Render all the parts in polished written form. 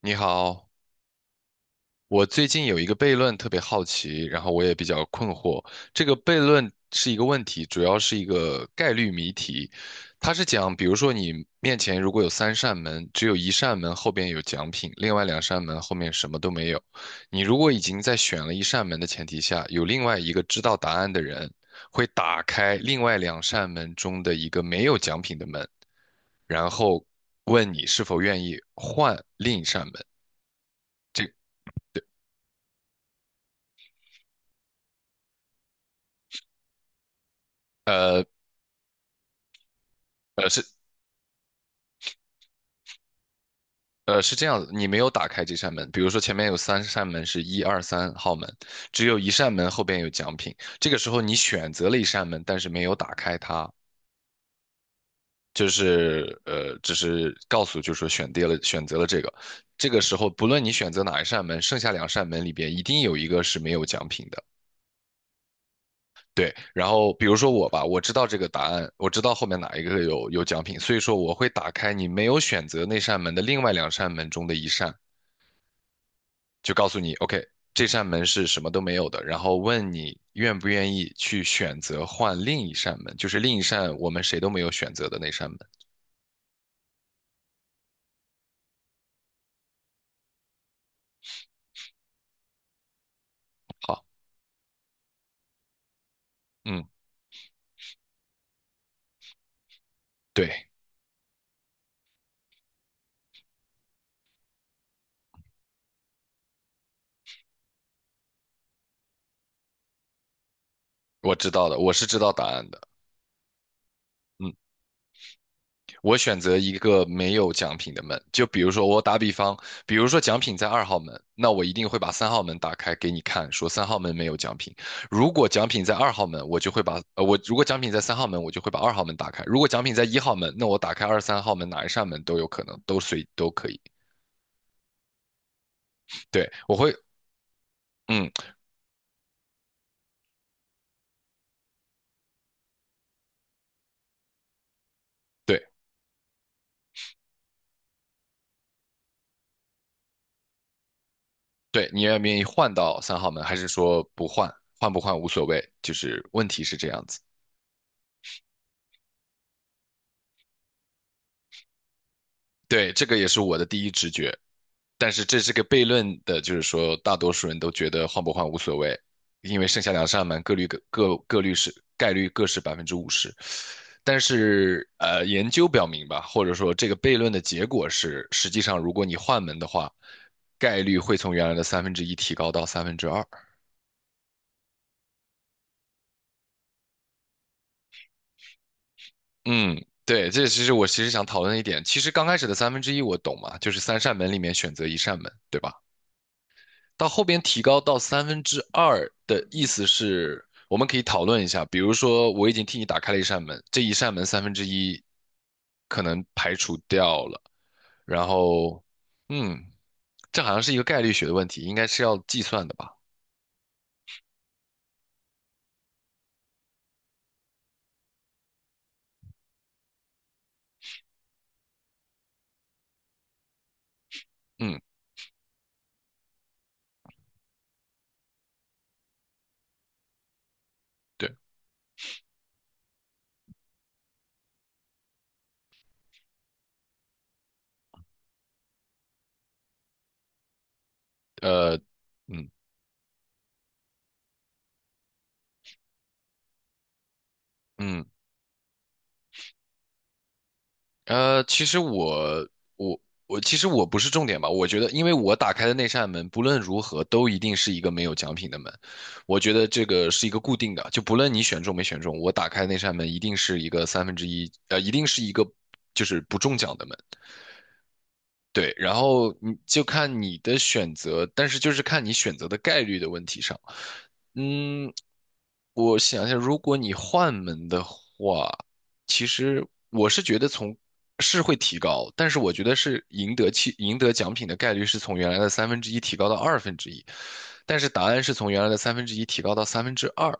你好，我最近有一个悖论特别好奇，然后我也比较困惑。这个悖论是一个问题，主要是一个概率谜题。它是讲，比如说你面前如果有三扇门，只有一扇门后边有奖品，另外两扇门后面什么都没有。你如果已经在选了一扇门的前提下，有另外一个知道答案的人会打开另外两扇门中的一个没有奖品的门，然后问你是否愿意换另一扇门。这是。是这样子，你没有打开这扇门。比如说，前面有三扇门是一二三号门，只有一扇门后边有奖品。这个时候你选择了一扇门，但是没有打开它，就是，只是告诉就是说选定了选择了这个。这个时候，不论你选择哪一扇门，剩下两扇门里边一定有一个是没有奖品的。对，然后比如说我吧，我知道这个答案，我知道后面哪一个有奖品，所以说我会打开你没有选择那扇门的另外两扇门中的一扇，就告诉你，OK,这扇门是什么都没有的，然后问你愿不愿意去选择换另一扇门，就是另一扇我们谁都没有选择的那扇门。好，嗯，对，我知道的，我是知道答案的。嗯。我选择一个没有奖品的门，就比如说我打比方，比如说奖品在二号门，那我一定会把三号门打开给你看，说三号门没有奖品。如果奖品在二号门，我就会把呃我如果奖品在三号门，我就会把二号门打开。如果奖品在一号门，那我打开二三号门哪一扇门都有可能，都可以。对，我会嗯对对，你愿不愿意换到三号门，还是说不换？换不换无所谓，就是问题是这样子。对，这个也是我的第一直觉。但是这是个悖论的，就是说大多数人都觉得换不换无所谓，因为剩下两扇门各率各各各率是概率各是百分之五十。但是研究表明吧，或者说这个悖论的结果是，实际上如果你换门的话，概率会从原来的三分之一提高到三分之二。嗯，对，这其实我其实想讨论一点，其实刚开始的三分之一我懂嘛，就是三扇门里面选择一扇门，对吧？到后边提高到三分之二的意思是，我们可以讨论一下，比如说我已经替你打开了一扇门，这一扇门三分之一可能排除掉了，然后，嗯，这好像是一个概率学的问题，应该是要计算的吧？嗯，对，呃，嗯嗯呃，其实我我其实我不是重点吧，我觉得，因为我打开的那扇门，不论如何都一定是一个没有奖品的门，我觉得这个是一个固定的，就不论你选中没选中，我打开那扇门一定是一个就是不中奖的门，对，然后你就看你的选择，但是就是看你选择的概率的问题上。嗯，我想一下，如果你换门的话，其实我是觉得是会提高，但是我觉得是赢得奖品的概率是从原来的三分之一提高到二分之一，但是答案是从原来的三分之一提高到三分之二。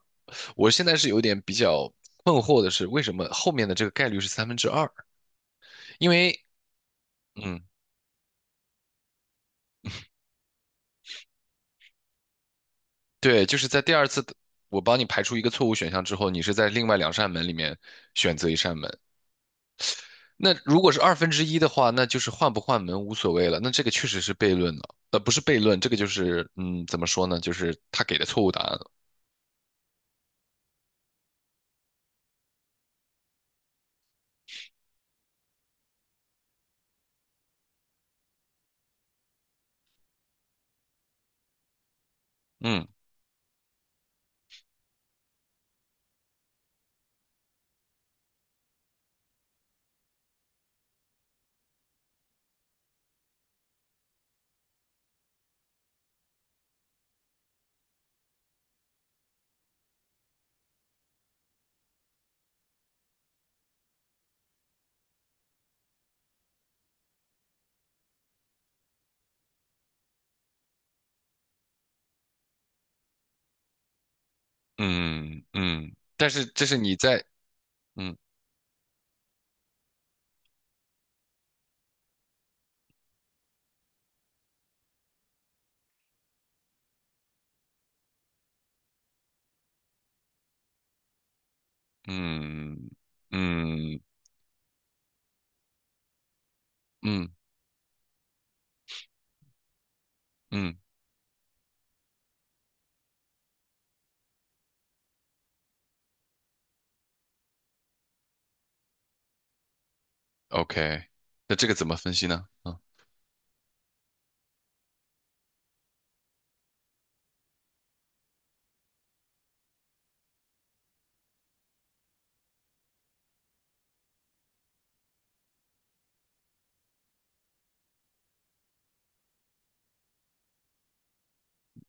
我现在是有点比较困惑的是，为什么后面的这个概率是三分之二？因为。嗯。对，就是在第二次的我帮你排除一个错误选项之后，你是在另外两扇门里面选择一扇门。那如果是二分之一的话，那就是换不换门无所谓了。那这个确实是悖论了，不是悖论，这个就是，怎么说呢？就是他给的错误答案了。嗯嗯嗯，但是这是你在嗯嗯嗯嗯嗯，OK,那这个怎么分析呢？啊，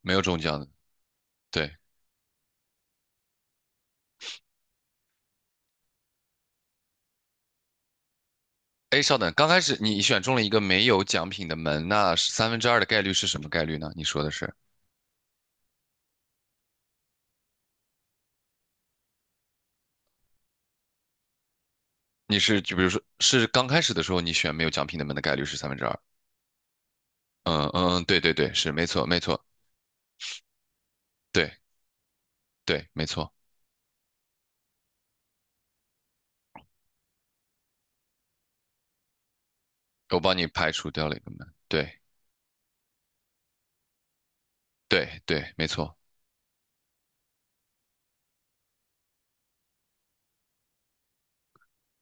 没有中奖的，对。哎，稍等，刚开始你选中了一个没有奖品的门，那是三分之二的概率是什么概率呢？你说的是，就比如说是刚开始的时候你选没有奖品的门的概率是三分之二。嗯嗯嗯，对对对，是没错没错，对对没错，我帮你排除掉了一个门，对对对，没错，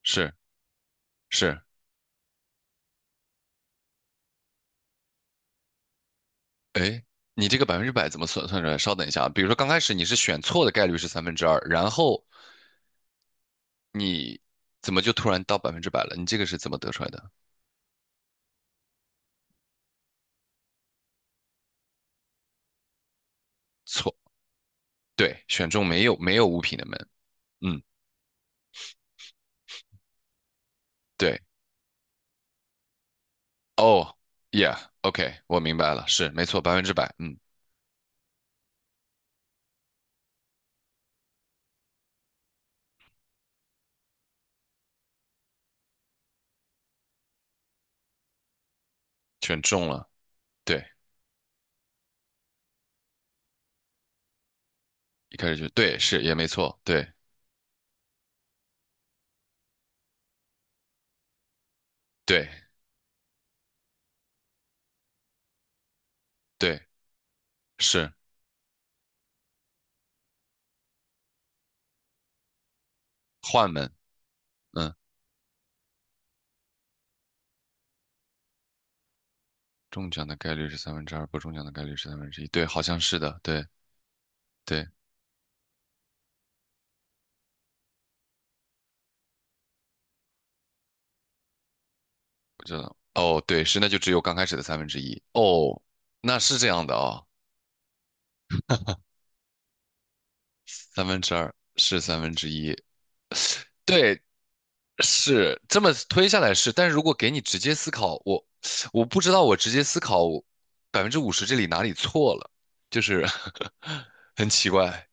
是是，哎，你这个百分之百怎么算算出来？稍等一下啊，比如说刚开始你是选错的概率是三分之二，然后你怎么就突然到百分之百了？你这个是怎么得出来的？错，对，选中没有物品的门。嗯，对，哦yeah，OK，我明白了，是没错，百分之百，嗯，全中了，对，一开始就对，是也没错，对，对，对，是换门，嗯，中奖的概率是三分之二，不中奖的概率是三分之一，对，好像是的，对，对，我知道，哦，对，是，那就只有刚开始的三分之一，哦，那是这样的哦，三分之二是三分之一，对。是这么推下来是，但是如果给你直接思考，我不知道我直接思考百分之五十这里哪里错了，就是 很奇怪，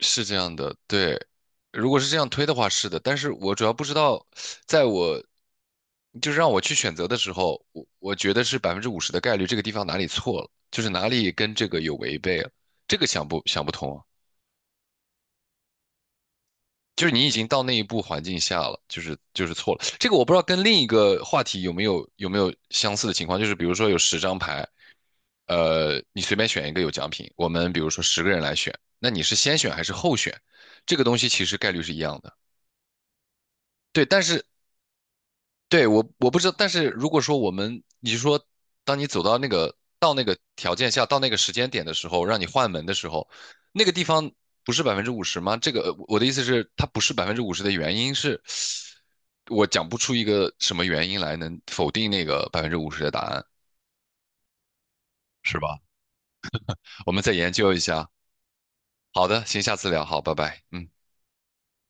是这样的，对。如果是这样推的话，是的，但是我主要不知道，在我就是让我去选择的时候，我觉得是百分之五十的概率，这个地方哪里错了，就是哪里跟这个有违背了，这个想不通啊？就是你已经到那一步环境下了，就是错了。这个我不知道跟另一个话题有没有相似的情况，就是比如说有10张牌，你随便选一个有奖品，我们比如说10个人来选，那你是先选还是后选？这个东西其实概率是一样的，对。但是对，我不知道，但是如果说我们，你是说，当你走到那个条件下，到那个时间点的时候，让你换门的时候，那个地方不是百分之五十吗？这个我的意思是，它不是百分之五十的原因是，我讲不出一个什么原因来能否定那个百分之五十的答案，是吧？我们再研究一下。好的，行，下次聊，好，拜拜，嗯。